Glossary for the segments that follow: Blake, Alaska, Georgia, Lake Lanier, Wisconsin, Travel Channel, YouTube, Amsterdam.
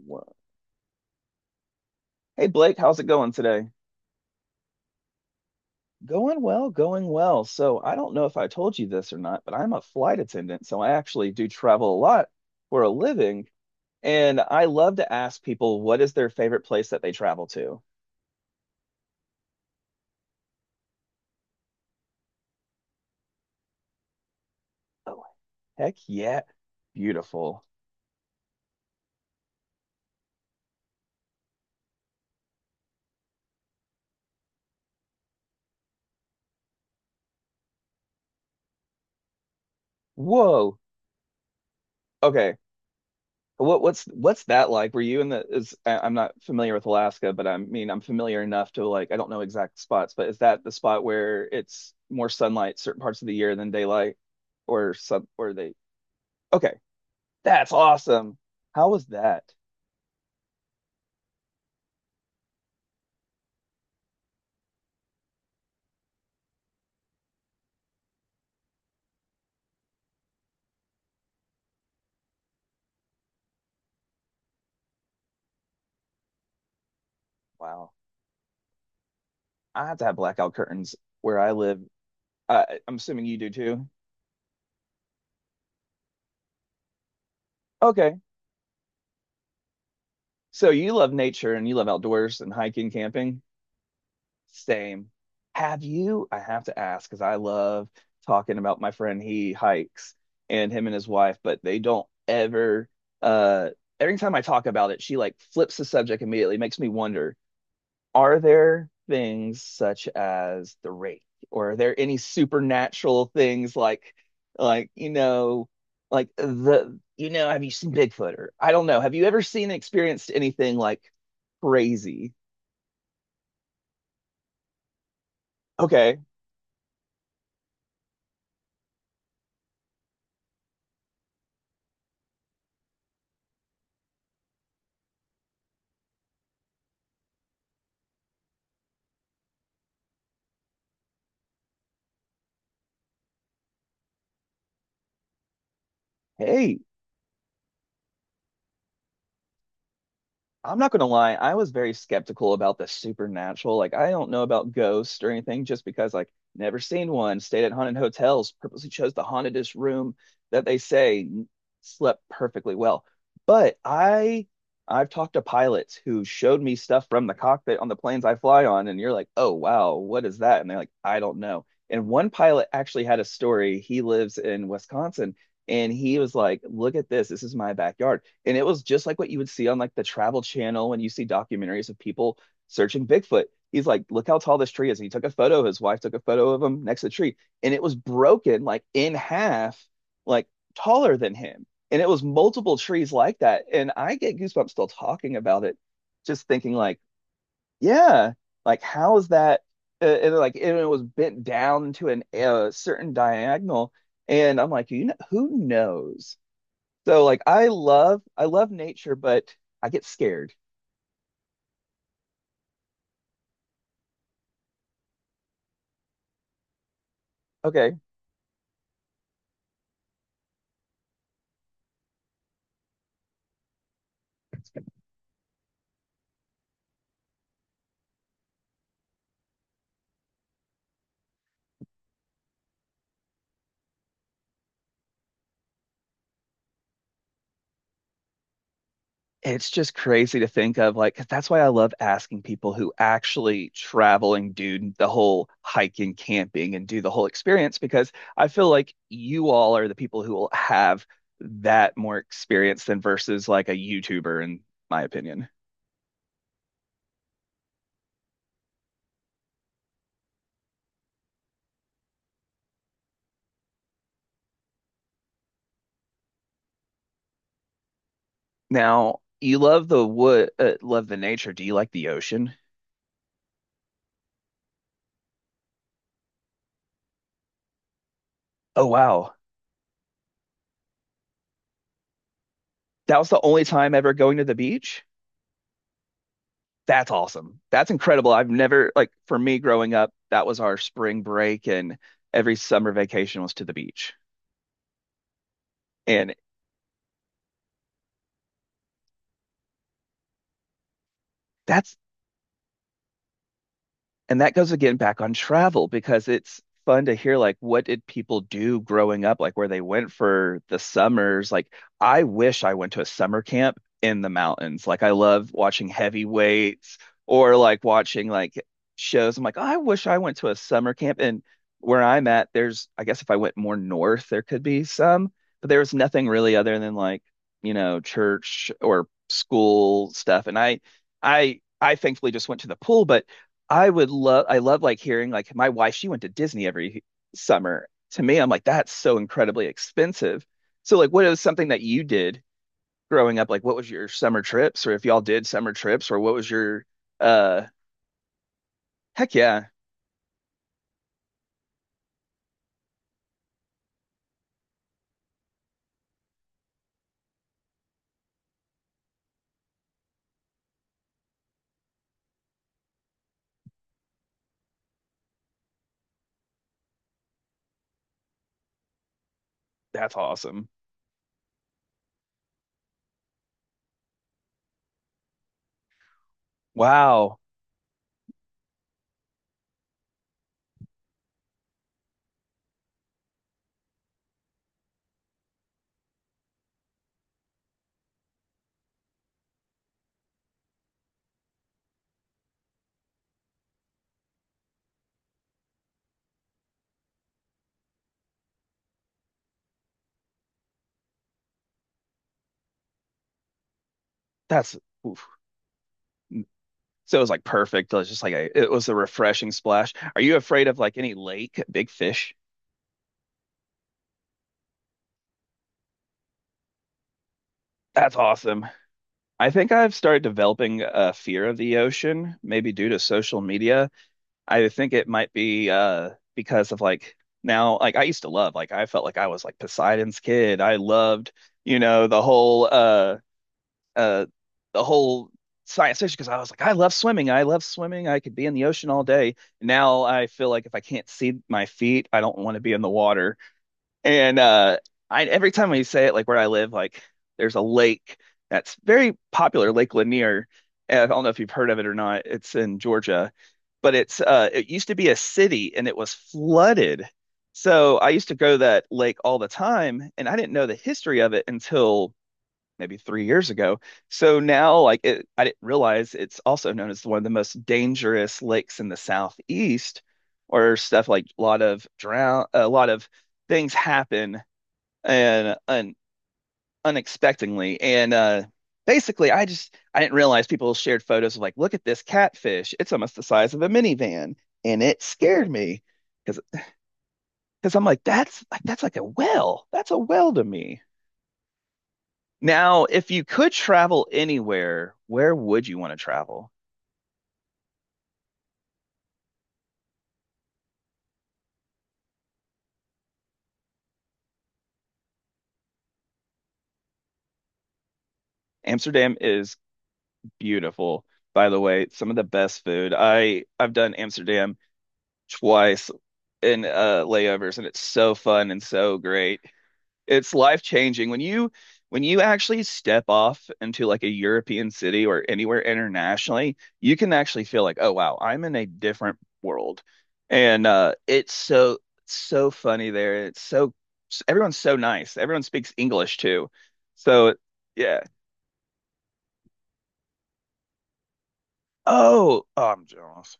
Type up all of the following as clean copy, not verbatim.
Well, hey Blake, how's it going today? Going well, going well. So I don't know if I told you this or not, but I'm a flight attendant, so I actually do travel a lot for a living, and I love to ask people what is their favorite place that they travel to. Oh, heck yeah. Beautiful. Whoa. Okay. What's that like? Were you in the is I- I'm not familiar with Alaska, but I mean I'm familiar enough to, like, I don't know exact spots, but is that the spot where it's more sunlight certain parts of the year than daylight or some or they Okay, that's awesome. How was that? Wow. I have to have blackout curtains where I live. I'm assuming you do too. Okay. So you love nature and you love outdoors and hiking, camping. Same. Have you? I have to ask because I love talking about my friend. He hikes and him and his wife, but they don't ever. Uh, every time I talk about it, she like flips the subject immediately. Makes me wonder: are there things such as the rake, or are there any supernatural things like like the have you seen Bigfoot or I don't know? Have you ever seen and experienced anything like crazy? Okay. Hey, I'm not gonna lie, I was very skeptical about the supernatural. Like I don't know about ghosts or anything, just because, like, never seen one, stayed at haunted hotels, purposely chose the hauntedest room that they say, slept perfectly well. But I've talked to pilots who showed me stuff from the cockpit on the planes I fly on, and you're like, oh wow, what is that? And they're like, I don't know. And one pilot actually had a story. He lives in Wisconsin, and he was like, look at this, this is my backyard. And it was just like what you would see on like the Travel Channel when you see documentaries of people searching Bigfoot. He's like, look how tall this tree is. And he took a photo. His wife took a photo of him next to the tree, and it was broken like in half, like taller than him. And it was multiple trees like that. And I get goosebumps still talking about it, just thinking like, yeah, like how is that? And like, and it was bent down to an a certain diagonal. And I'm like, you know, who knows? So like I love nature, but I get scared. Okay. It's just crazy to think of, like, 'cause that's why I love asking people who actually travel and do the whole hiking, camping and do the whole experience, because I feel like you all are the people who will have that more experience than versus like a YouTuber, in my opinion. Now, you love the wood, love the nature. Do you like the ocean? Oh wow. That was the only time ever going to the beach? That's awesome. That's incredible. I've never, like, for me growing up, that was our spring break, and every summer vacation was to the beach. And that's that goes again back on travel because it's fun to hear like what did people do growing up, like where they went for the summers. Like I wish I went to a summer camp in the mountains. Like I love watching heavyweights or like watching like shows. I'm like, "Oh, I wish I went to a summer camp." And where I'm at, there's, I guess if I went more north, there could be some, but there was nothing really other than like, you know, church or school stuff. And I thankfully just went to the pool, but I would love, I love like hearing like my wife, she went to Disney every summer. To me, I'm like, that's so incredibly expensive. So, like, what is something that you did growing up? Like, what was your summer trips, or if y'all did summer trips, or what was your, uh, heck yeah, that's awesome. Wow, that's, oof. So it was like perfect. It was just like it was a refreshing splash. Are you afraid of like any lake, big fish? That's awesome. I think I've started developing a fear of the ocean, maybe due to social media. I think it might be because of like now, like I used to love, like I felt like I was like Poseidon's kid. I loved, you know, uh the whole science fiction because I was like I love swimming. I love swimming. I could be in the ocean all day. Now I feel like if I can't see my feet, I don't want to be in the water. And I every time we say it, like where I live, like there's a lake that's very popular, Lake Lanier. And I don't know if you've heard of it or not. It's in Georgia, but it's it used to be a city and it was flooded. So I used to go to that lake all the time and I didn't know the history of it until maybe 3 years ago. So now like it, I didn't realize it's also known as one of the most dangerous lakes in the southeast or stuff, like a lot of drown, a lot of things happen and unexpectedly. And Basically, I just I didn't realize people shared photos of like, look at this catfish. It's almost the size of a minivan, and it scared me because I'm like, that's like a whale. That's a whale to me. Now, if you could travel anywhere, where would you want to travel? Amsterdam is beautiful, by the way. Some of the best food. I've done Amsterdam twice in layovers and it's so fun and so great. It's life changing when you actually step off into like a European city or anywhere internationally, you can actually feel like, oh wow, I'm in a different world. And it's so, so funny there. It's so, everyone's so nice. Everyone speaks English too. So yeah. Oh, oh, I'm jealous.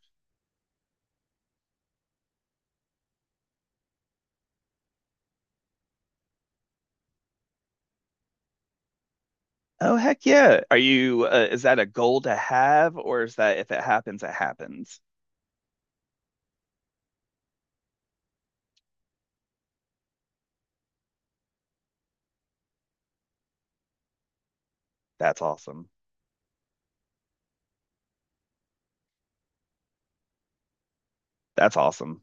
Oh heck yeah. Are you is that a goal to have, or is that if it happens it happens? That's awesome. That's awesome.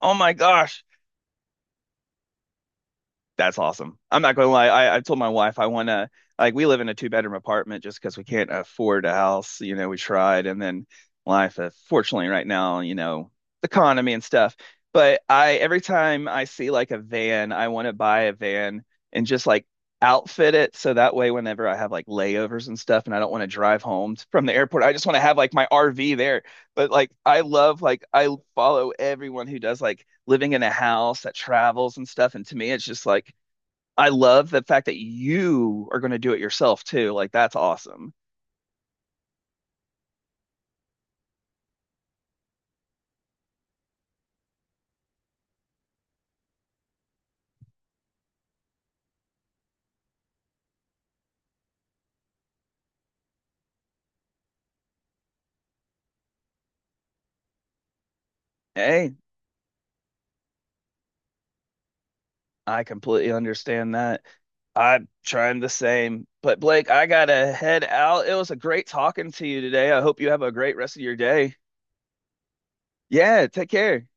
Oh my gosh. That's awesome. I'm not gonna lie. I told my wife I wanna, like, we live in a two-bedroom apartment just because we can't afford a house. You know, we tried, and then life, fortunately, right now, you know, the economy and stuff. But I every time I see like a van, I want to buy a van and just like outfit it so that way whenever I have like layovers and stuff, and I don't want to drive home from the airport, I just want to have like my RV there. But like I love like I follow everyone who does like living in a house that travels and stuff. And to me, it's just like I love the fact that you are going to do it yourself too. Like that's awesome. Hey, I completely understand that. I'm trying the same. But Blake, I gotta head out. It was a great talking to you today. I hope you have a great rest of your day. Yeah, take care.